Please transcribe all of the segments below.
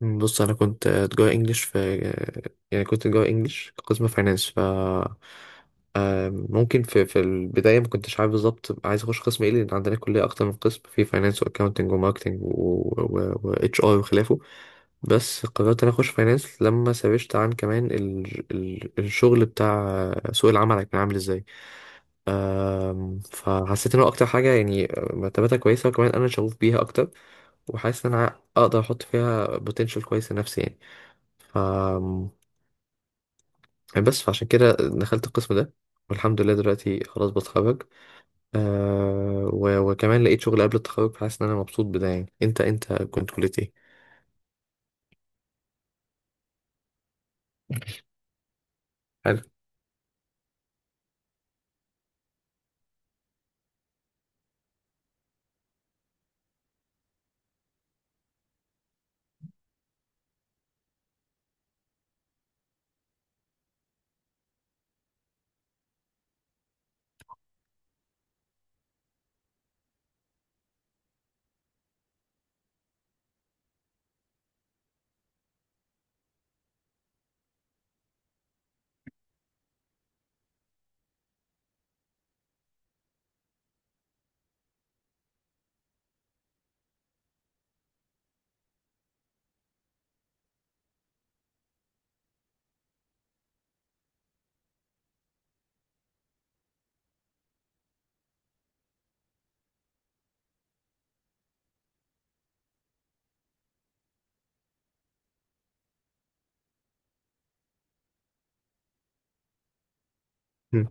بص انا كنت جوه انجلش في يعني كنت جوه انجلش قسم فاينانس ف آم، ممكن في البدايه ما كنتش عارف بالظبط عايز اخش قسم ايه لان عندنا كليه اكتر من قسم في فاينانس واكاونتنج وماركتنج واتش ار وخلافه. بس قررت انا اخش فاينانس لما سرشت عن كمان الشغل بتاع سوق العمل كان عامل ازاي. فحسيت ان هو اكتر حاجه يعني مرتباتها كويسه وكمان انا شغوف بيها اكتر وحاسس ان انا اقدر احط فيها بوتنشال كويس لنفسي يعني. ف بس فعشان كده دخلت القسم ده والحمد لله دلوقتي خلاص بتخرج. أه و... وكمان لقيت شغل قبل التخرج فحاسس ان انا مبسوط بده يعني. انت كنت كلية ايه؟ حلو. مم.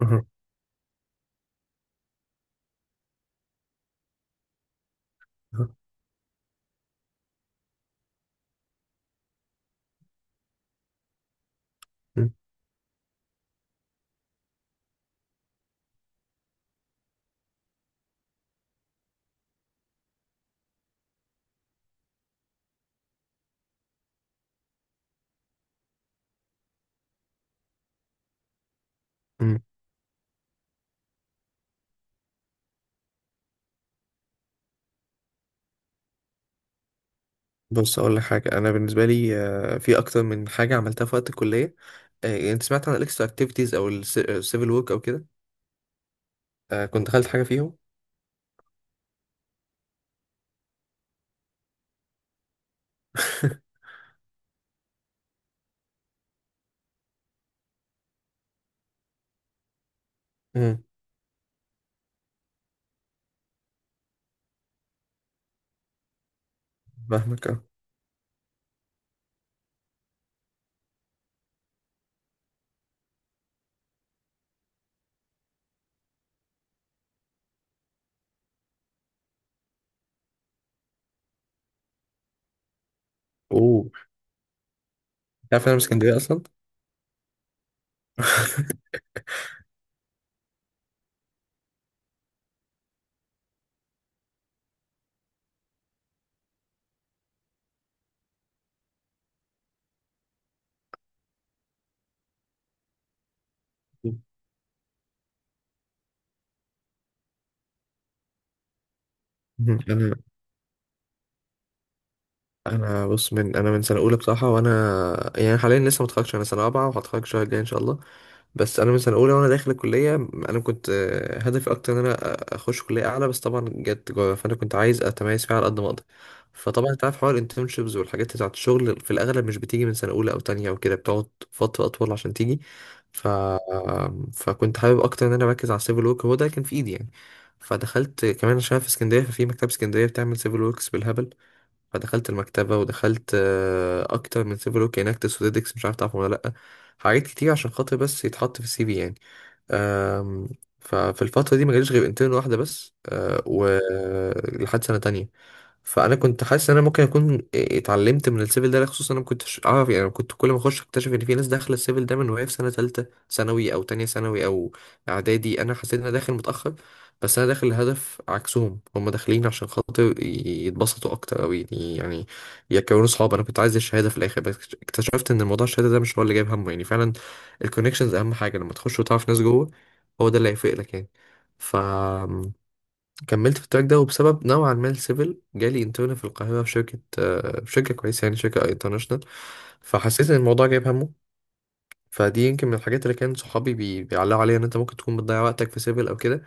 مم. مم. مم. بص اقول لك حاجه، انا بالنسبه لي آه، في اكتر من حاجه عملتها في وقت الكليه. آه، انت سمعت عن الاكسترا اكتيفيتيز او السيفل ورك او كده؟ آه، كنت دخلت حاجه فيهم. مم. فاهمك اه. اوه، تعرف إن انا من اسكندريه اصلا. مم. انا انا بص، انا من سنه اولى بصراحه وانا يعني حاليا لسه ما اتخرجتش، انا سنه رابعه وهتخرج الشهر الجاي ان شاء الله. بس انا من سنه اولى وانا داخل الكليه انا كنت آه، هدفي اكتر ان اخش كليه اعلى، بس طبعا جت تجاره فانا كنت عايز اتميز فيها على قد ما اقدر. فطبعا انت عارف حوار الانترنشيبز والحاجات بتاعت الشغل في الاغلب مش بتيجي من سنه اولى او تانية او كده، بتقعد فتره اطول عشان تيجي. ف... فكنت حابب اكتر ان انا اركز على السيفل ورك، هو ده كان في ايدي يعني. فدخلت كمان عشان أنا في اسكندريه، ففي مكتبه اسكندريه بتعمل سيفل وركس بالهبل. فدخلت المكتبة ودخلت آه، أكتر من سيفل ورك اناكتس وديدكس، مش عارف تعرف ولا لأ، حاجات كتير عشان خاطر بس يتحط في السي في يعني. آم، ففي الفترة دي ما جاليش غير انترن واحدة بس آه، ولحد سنة تانية. فأنا كنت حاسس إن أنا ممكن أكون آه، اتعلمت من السيفل ده، خصوصا أنا ما كنتش أعرف يعني. أنا كنت كل ما أخش أكتشف إن في ناس داخلة السيفل ده من وهي في سنة تالتة ثانوي أو تانية ثانوي أو إعدادي، أنا حسيت إن أنا داخل متأخر. بس انا داخل الهدف عكسهم، هم داخلين عشان خاطر يتبسطوا اكتر او يعني يكونوا صحاب، انا كنت عايز الشهاده في الاخر بس. اكتشفت ان موضوع الشهاده ده مش هو اللي جايب همه يعني، فعلا الكونكشنز اهم حاجه، لما تخش وتعرف ناس جوه هو ده اللي هيفرق لك يعني. فكملت في التراك ده، وبسبب نوعا ما السيفل جالي انترن في القاهره في شركه آه، في شركه كويسه يعني، شركه انترناشونال. فحسيت ان الموضوع جايب همه. فدي يمكن من الحاجات اللي كان صحابي بيعلقوا عليها، ان انت ممكن تكون بتضيع وقتك في سيفل او كده،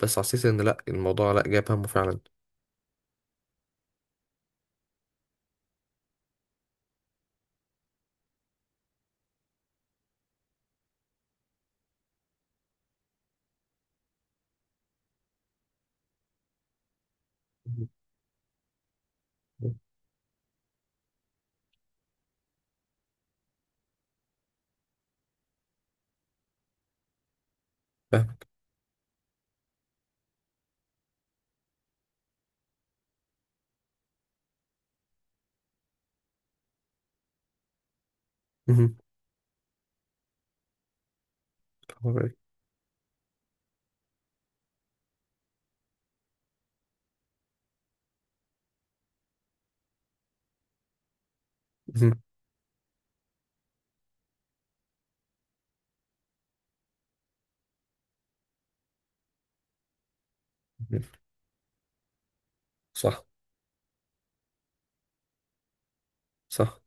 بس حسيت ان لا، الموضوع لا، جاب همه فعلا. فاهم. مهم. مهم. صح. صح.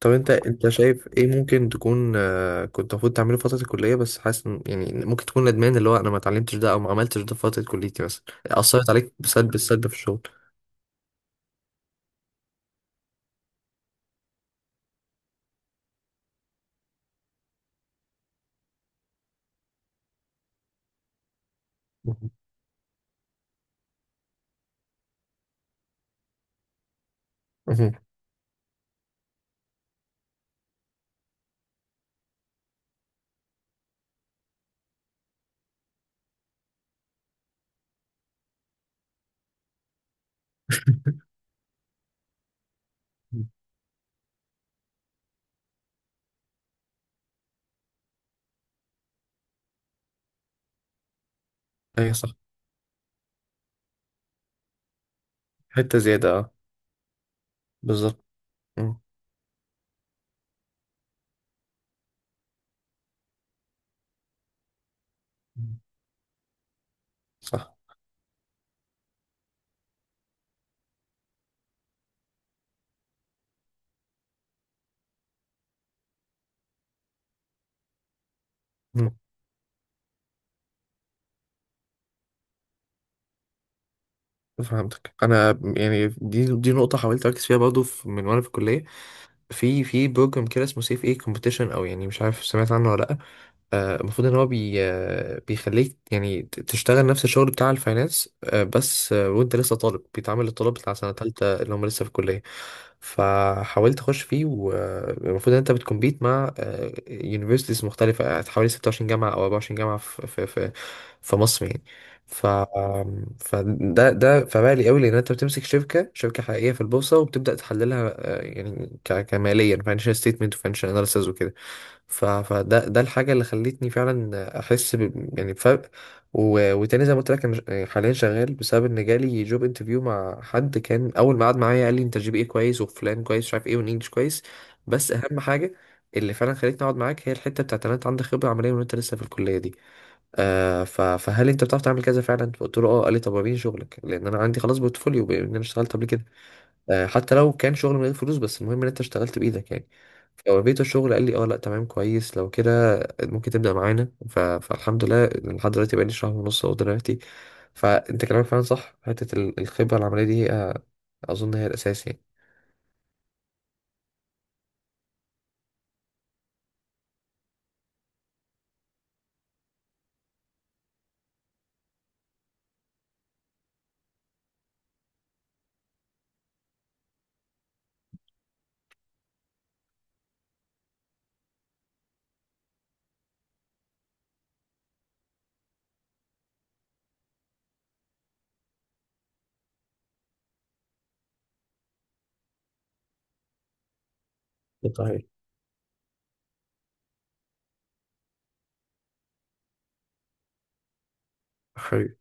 طب انت، انت شايف ايه ممكن تكون آه، كنت المفروض تعمله في فترة الكلية بس حاسس يعني ممكن تكون ندمان، اللي هو انا ما اتعلمتش ده او ما عملتش ده في فترة كليتي، مثلا اثرت عليك بسلب في الشغل؟ مهم. مهم. ايوه صح. حتة زيادة اه. بالظبط. مم. صح. مم. فهمتك. انا يعني دي نقطة حاولت اركز فيها برضه من وانا في الكلية، في في بروجرام كده اسمه سيف ايه كومبيتيشن او يعني مش عارف سمعت عنه ولا لا. آه، المفروض ان هو بي آه، بيخليك يعني تشتغل نفس الشغل بتاع الفاينانس آه، بس آه، وانت لسه طالب، بيتعامل للطلاب بتاع سنة تالتة اللي هم لسه في الكلية. فحاولت اخش فيه، والمفروض ان انت بتكمبيت مع يونيفرسيتيز مختلفة آه، حوالي 26 جامعة او 24 جامعة في في مصر يعني. ف آم، فده ده فبالي قوي لان انت بتمسك شركة حقيقية في البورصة وبتبدأ تحللها يعني، كماليا financial statement و financial analysis وكده. ف- فده ده الحاجة اللي خلتني فعلا أحس ب يعني بفرق. و... وتاني زي ما قلت لك، أنا يعني حاليا شغال بسبب إن جالي جوب انترفيو مع حد، كان أول ما قعد معايا قال لي أنت جي بي إيه كويس وفلان كويس مش عارف إيه والإنجليش كويس، بس أهم حاجة اللي فعلا خلتني أقعد معاك هي الحتة بتاعت إن أنت عندك خبرة عملية وإن أنت لسه في الكلية دي آه. ف... فهل أنت بتعرف تعمل كذا فعلا؟ فقلت له أه. قال لي طب وريني شغلك، لأن أنا عندي خلاص بورتفوليو بإن أنا اشتغلت قبل كده آه، حتى لو كان شغل من غير فلوس، بس المهم ان انت اشتغلت بايدك يعني. فوريته الشغل، قال لي اه لا تمام كويس، لو كده ممكن تبدا معانا. ف... فالحمد لله لحد دلوقتي بقالي شهر ونص اهو دلوقتي. فانت كلامك فعلا صح، حته الخبره العمليه دي آه، اظن هي الاساس يعني. صحيح. حلو.